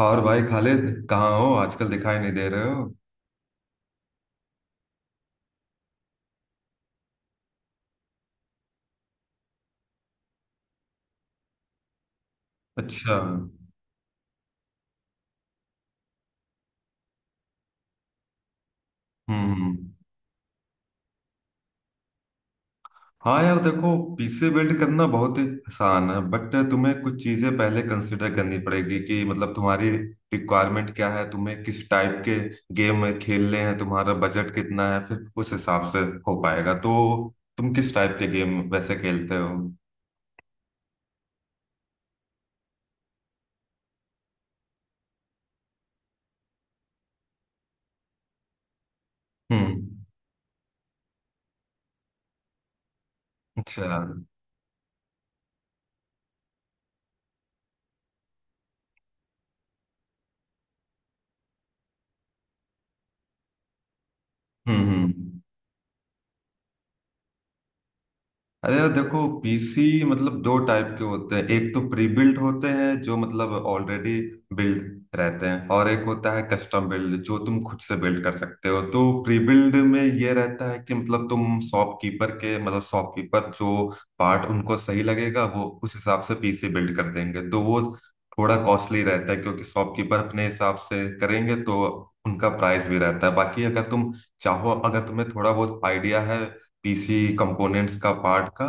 और भाई खालिद कहाँ हो आजकल दिखाई नहीं दे रहे हो। अच्छा। हम्म। हाँ यार देखो, पीसी बिल्ड करना बहुत ही आसान है, बट तुम्हें कुछ चीजें पहले कंसिडर करनी पड़ेगी कि मतलब तुम्हारी रिक्वायरमेंट क्या है, तुम्हें किस टाइप के गेम खेलने हैं, तुम्हारा बजट कितना है, फिर उस हिसाब से हो पाएगा। तो तुम किस टाइप के गेम वैसे खेलते हो? हम्म। अच्छा। हम्म। हम्म। अरे यार देखो, पीसी मतलब दो टाइप के होते हैं। एक तो प्री बिल्ट होते हैं जो मतलब ऑलरेडी बिल्ड रहते हैं, और एक होता है कस्टम बिल्ड जो तुम खुद से बिल्ड कर सकते हो। तो प्री बिल्ड में ये रहता है कि मतलब तुम शॉपकीपर के मतलब शॉपकीपर जो पार्ट उनको सही लगेगा वो उस हिसाब से पीसी बिल्ड कर देंगे। तो वो थोड़ा कॉस्टली रहता है क्योंकि शॉपकीपर अपने हिसाब से करेंगे तो उनका प्राइस भी रहता है। बाकी अगर तुम चाहो, अगर तुम्हें थोड़ा बहुत आइडिया है पीसी कंपोनेंट्स का, पार्ट का,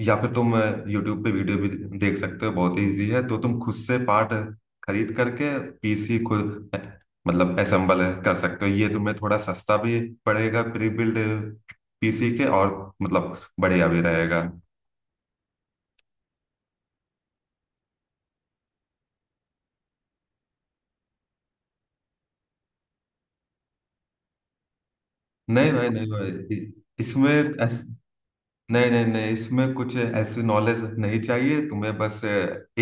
या फिर तुम यूट्यूब पे वीडियो भी देख सकते हो, बहुत इजी है, तो तुम खुद से पार्ट खरीद करके पीसी खुद मतलब असेंबल कर सकते हो। ये तुम्हें थोड़ा सस्ता भी पड़ेगा प्री बिल्ड पीसी के, और मतलब बढ़िया भी रहेगा। नहीं भाई, नहीं भाई, इसमें नहीं, नहीं, नहीं, इसमें कुछ ऐसी नॉलेज नहीं चाहिए। तुम्हें बस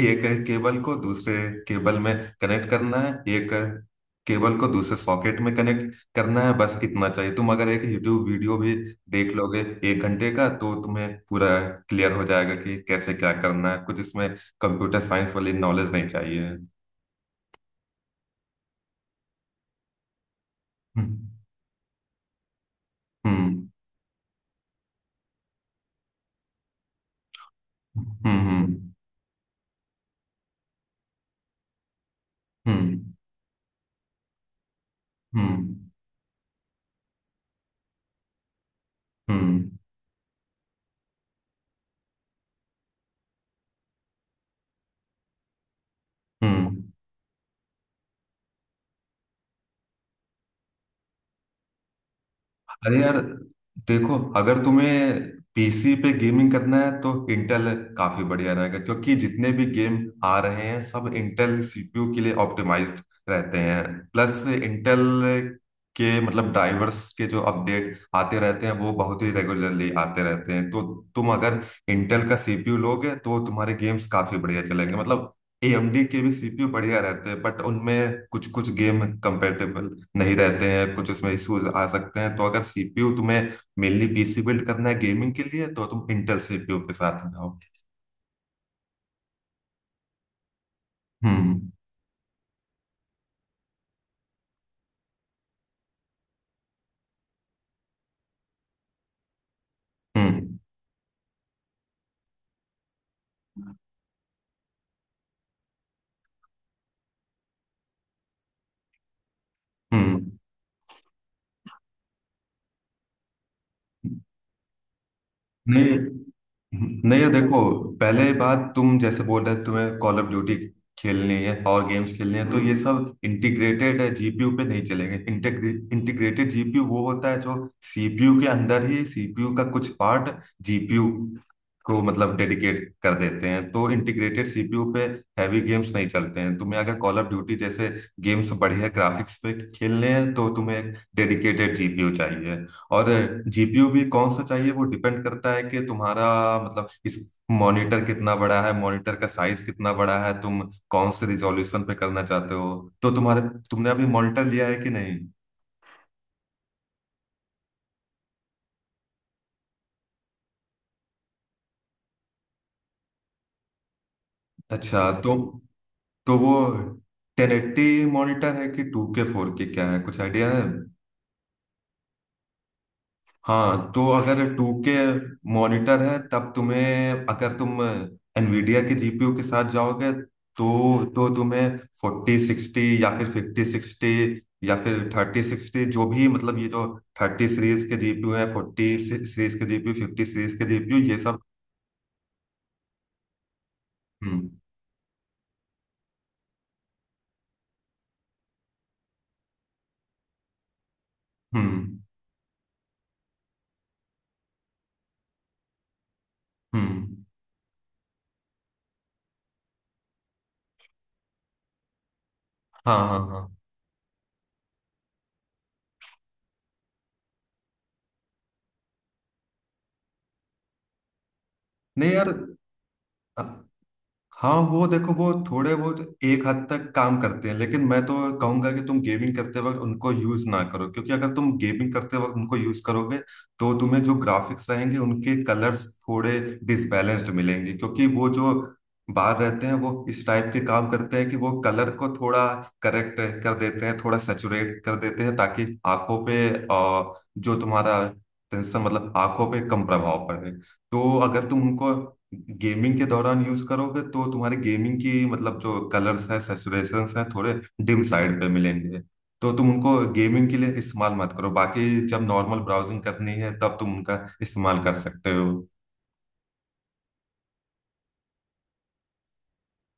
एक केबल को दूसरे केबल में कनेक्ट करना है, एक केबल को दूसरे सॉकेट में कनेक्ट करना है, बस इतना चाहिए। तुम अगर एक यूट्यूब वीडियो भी देख लोगे एक घंटे का, तो तुम्हें पूरा क्लियर हो जाएगा कि कैसे क्या करना है। कुछ इसमें कंप्यूटर साइंस वाली नॉलेज नहीं चाहिए। हम्म। हम्म। हम्म। हम्म। हम्म। हम्म। हम्म। हम्म। अरे यार देखो, अगर तुम्हें पीसी पे गेमिंग करना है तो इंटेल काफी बढ़िया रहेगा, क्योंकि जितने भी गेम आ रहे हैं सब इंटेल सीपीयू के लिए ऑप्टिमाइज्ड रहते हैं। प्लस इंटेल के मतलब ड्राइवर्स के जो अपडेट आते रहते हैं वो बहुत ही रेगुलरली आते रहते हैं। तो तुम अगर इंटेल का सीपीयू लोगे तो वो तुम्हारे गेम्स काफी बढ़िया चलेंगे। मतलब एएमडी के भी सीपीयू बढ़िया रहते हैं बट उनमें कुछ कुछ गेम कंपेटेबल नहीं रहते हैं, कुछ उसमें इश्यूज आ सकते हैं। तो अगर सीपीयू तुम्हें मेनली पीसी बिल्ड करना है गेमिंग के लिए तो तुम इंटेल सीपीयू के साथ में आओ। हम्म। हम्म। हम्म। नहीं, नहीं, ये देखो, पहले बात तुम जैसे बोल रहे तुम्हें कॉल ऑफ ड्यूटी खेलनी है और गेम्स खेलनी है, तो ये सब इंटीग्रेटेड है जीपीयू पे नहीं चलेंगे। इंटीग्रेटेड जीपीयू वो होता है जो सीपीयू के अंदर ही सीपीयू का कुछ पार्ट जीपीयू को मतलब डेडिकेट कर देते हैं। तो इंटीग्रेटेड सीपीयू पे हैवी गेम्स नहीं चलते हैं। तुम्हें अगर कॉल ऑफ ड्यूटी जैसे गेम्स बढ़िया ग्राफिक्स पे खेलने हैं तो तुम्हें एक डेडिकेटेड जीपीयू चाहिए। और जीपीयू भी कौन सा चाहिए वो डिपेंड करता है कि तुम्हारा मतलब इस मॉनिटर कितना बड़ा है, मॉनिटर का साइज कितना बड़ा है, तुम कौन से रिजॉल्यूशन पे करना चाहते हो। तो तुम्हारे, तुमने अभी मॉनिटर लिया है कि नहीं? अच्छा, तो वो टेन एट्टी मॉनिटर है कि टू के, फोर के, क्या है? कुछ आइडिया है? हाँ, तो अगर टू के मॉनिटर है तब तुम्हें, अगर तुम एनवीडिया के जीपीयू के साथ जाओगे, तो तुम्हें फोर्टी सिक्सटी या फिर फिफ्टी सिक्सटी या फिर थर्टी सिक्सटी जो भी, मतलब ये जो थर्टी सीरीज के जीपीयू है, फोर्टी सीरीज के जीपीयू, फिफ्टी सीरीज के जीपीयू, ये सब। हम्म। हम्म। हम्म। हाँ, हाँ, हाँ। नहीं यार, हाँ वो देखो, वो थोड़े बहुत एक हद तक काम करते हैं, लेकिन मैं तो कहूंगा कि तुम गेमिंग करते वक्त उनको यूज ना करो, क्योंकि अगर तुम गेमिंग करते वक्त उनको यूज करोगे तो तुम्हें जो ग्राफिक्स रहेंगे उनके कलर्स थोड़े डिसबैलेंस्ड मिलेंगे। क्योंकि वो जो बाहर रहते हैं वो इस टाइप के काम करते हैं कि वो कलर को थोड़ा करेक्ट कर देते हैं, थोड़ा सेचुरेट कर देते हैं, ताकि आंखों पे जो तुम्हारा टेंशन मतलब आंखों पे कम प्रभाव पड़े। तो अगर तुम उनको गेमिंग के दौरान यूज करोगे तो तुम्हारे गेमिंग की मतलब जो कलर्स हैं, सेचुरेशंस हैं, थोड़े डिम साइड पे मिलेंगे। तो तुम उनको गेमिंग के लिए इस्तेमाल मत करो, बाकी जब नॉर्मल ब्राउजिंग करनी है तब तुम उनका इस्तेमाल कर सकते हो।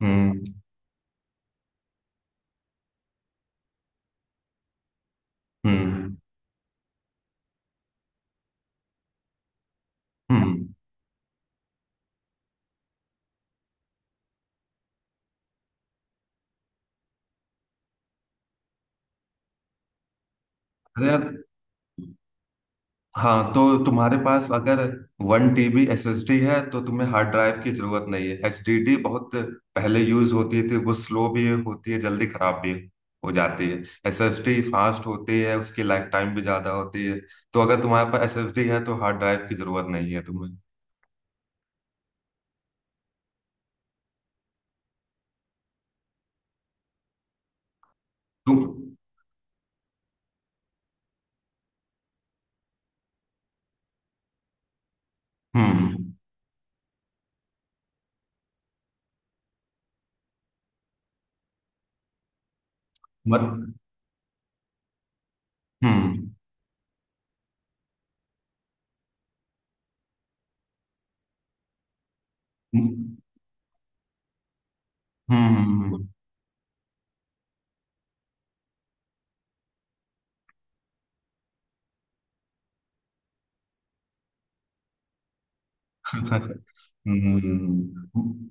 हम्म। हम्म। हम्म। अरे यार, हाँ, तो तुम्हारे पास अगर वन टीबी एसएसडी है तो तुम्हें हार्ड ड्राइव की जरूरत नहीं है। एचडीडी बहुत पहले यूज होती थी, वो स्लो भी होती है, जल्दी खराब भी हो जाती है। एसएसडी फास्ट होती है, उसकी लाइफ टाइम भी ज्यादा होती है। तो अगर तुम्हारे पास एसएसडी है तो हार्ड ड्राइव की जरूरत नहीं है तुम्हें। तुम। हम्म। मत। हम्म। हम्म। हम्म। हम्म। हम्म।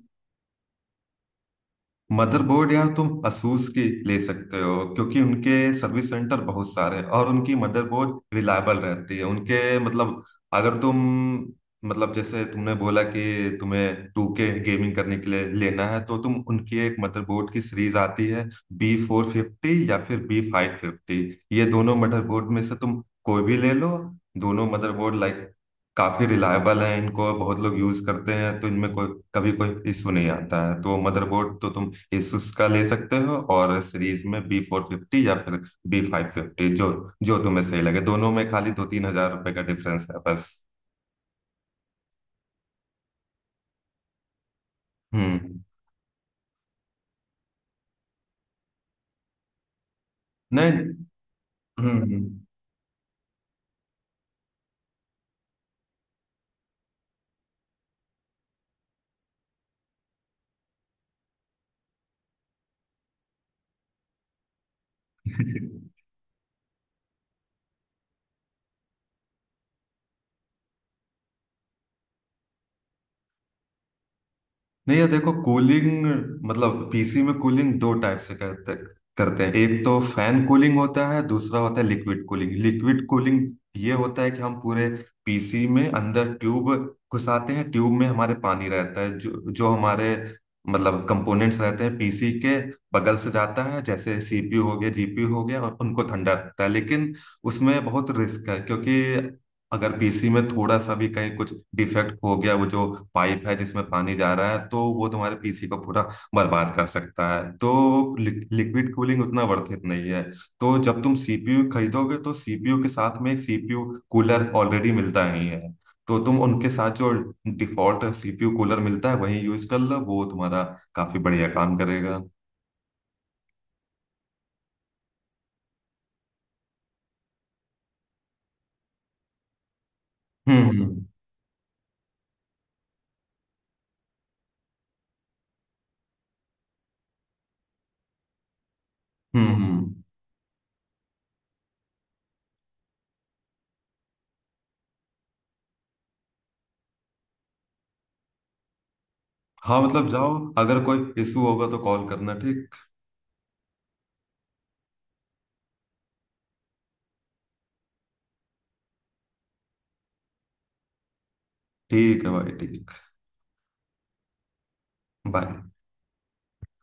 मदरबोर्ड यार तुम असूस की ले सकते हो, क्योंकि उनके सर्विस सेंटर बहुत सारे हैं और उनकी मदरबोर्ड रिलायबल रहती है। उनके मतलब, अगर तुम मतलब, जैसे तुमने बोला कि तुम्हें टू के गेमिंग करने के लिए लेना है, तो तुम उनकी एक मदरबोर्ड की सीरीज आती है बी फोर फिफ्टी या फिर बी फाइव फिफ्टी, ये दोनों मदरबोर्ड में से तुम कोई भी ले लो। दोनों मदरबोर्ड लाइक काफी रिलायबल है, इनको बहुत लोग यूज करते हैं, तो इनमें कोई कभी कोई इशू नहीं आता है। तो मदरबोर्ड तो तुम Asus का ले सकते हो, और सीरीज में बी फोर फिफ्टी या फिर बी फाइव फिफ्टी, जो जो तुम्हें सही लगे। दोनों में खाली दो तीन हजार रुपए का डिफरेंस है बस। हम्म। नहीं। हम्म। नहीं ये देखो, कूलिंग मतलब पीसी में कूलिंग दो टाइप से करते करते हैं। एक तो फैन कूलिंग होता है, दूसरा होता है लिक्विड कूलिंग। लिक्विड कूलिंग ये होता है कि हम पूरे पीसी में अंदर ट्यूब घुसाते हैं, ट्यूब में हमारे पानी रहता है जो जो हमारे मतलब कंपोनेंट्स रहते हैं पीसी के बगल से जाता है, जैसे सीपीयू हो गया, जीपीयू हो गया, और उनको ठंडा रखता है। लेकिन उसमें बहुत रिस्क है, क्योंकि अगर पीसी में थोड़ा सा भी कहीं कुछ डिफेक्ट हो गया, वो जो पाइप है जिसमें पानी जा रहा है तो वो तुम्हारे पीसी को पूरा बर्बाद कर सकता है। तो लिक्विड कूलिंग उतना वर्थ इट नहीं है। तो जब तुम सीपीयू खरीदोगे तो सीपीयू के साथ में एक सीपीयू कूलर ऑलरेडी मिलता ही है। तो तुम उनके साथ जो डिफॉल्ट सीपीयू कूलर मिलता है वही यूज कर लो, वो तुम्हारा काफी बढ़िया काम करेगा। हम्म। हम्म। हम्म। हम्म। हाँ मतलब जाओ, अगर कोई इशू होगा तो कॉल करना, ठीक? ठीक है भाई, ठीक। बाय।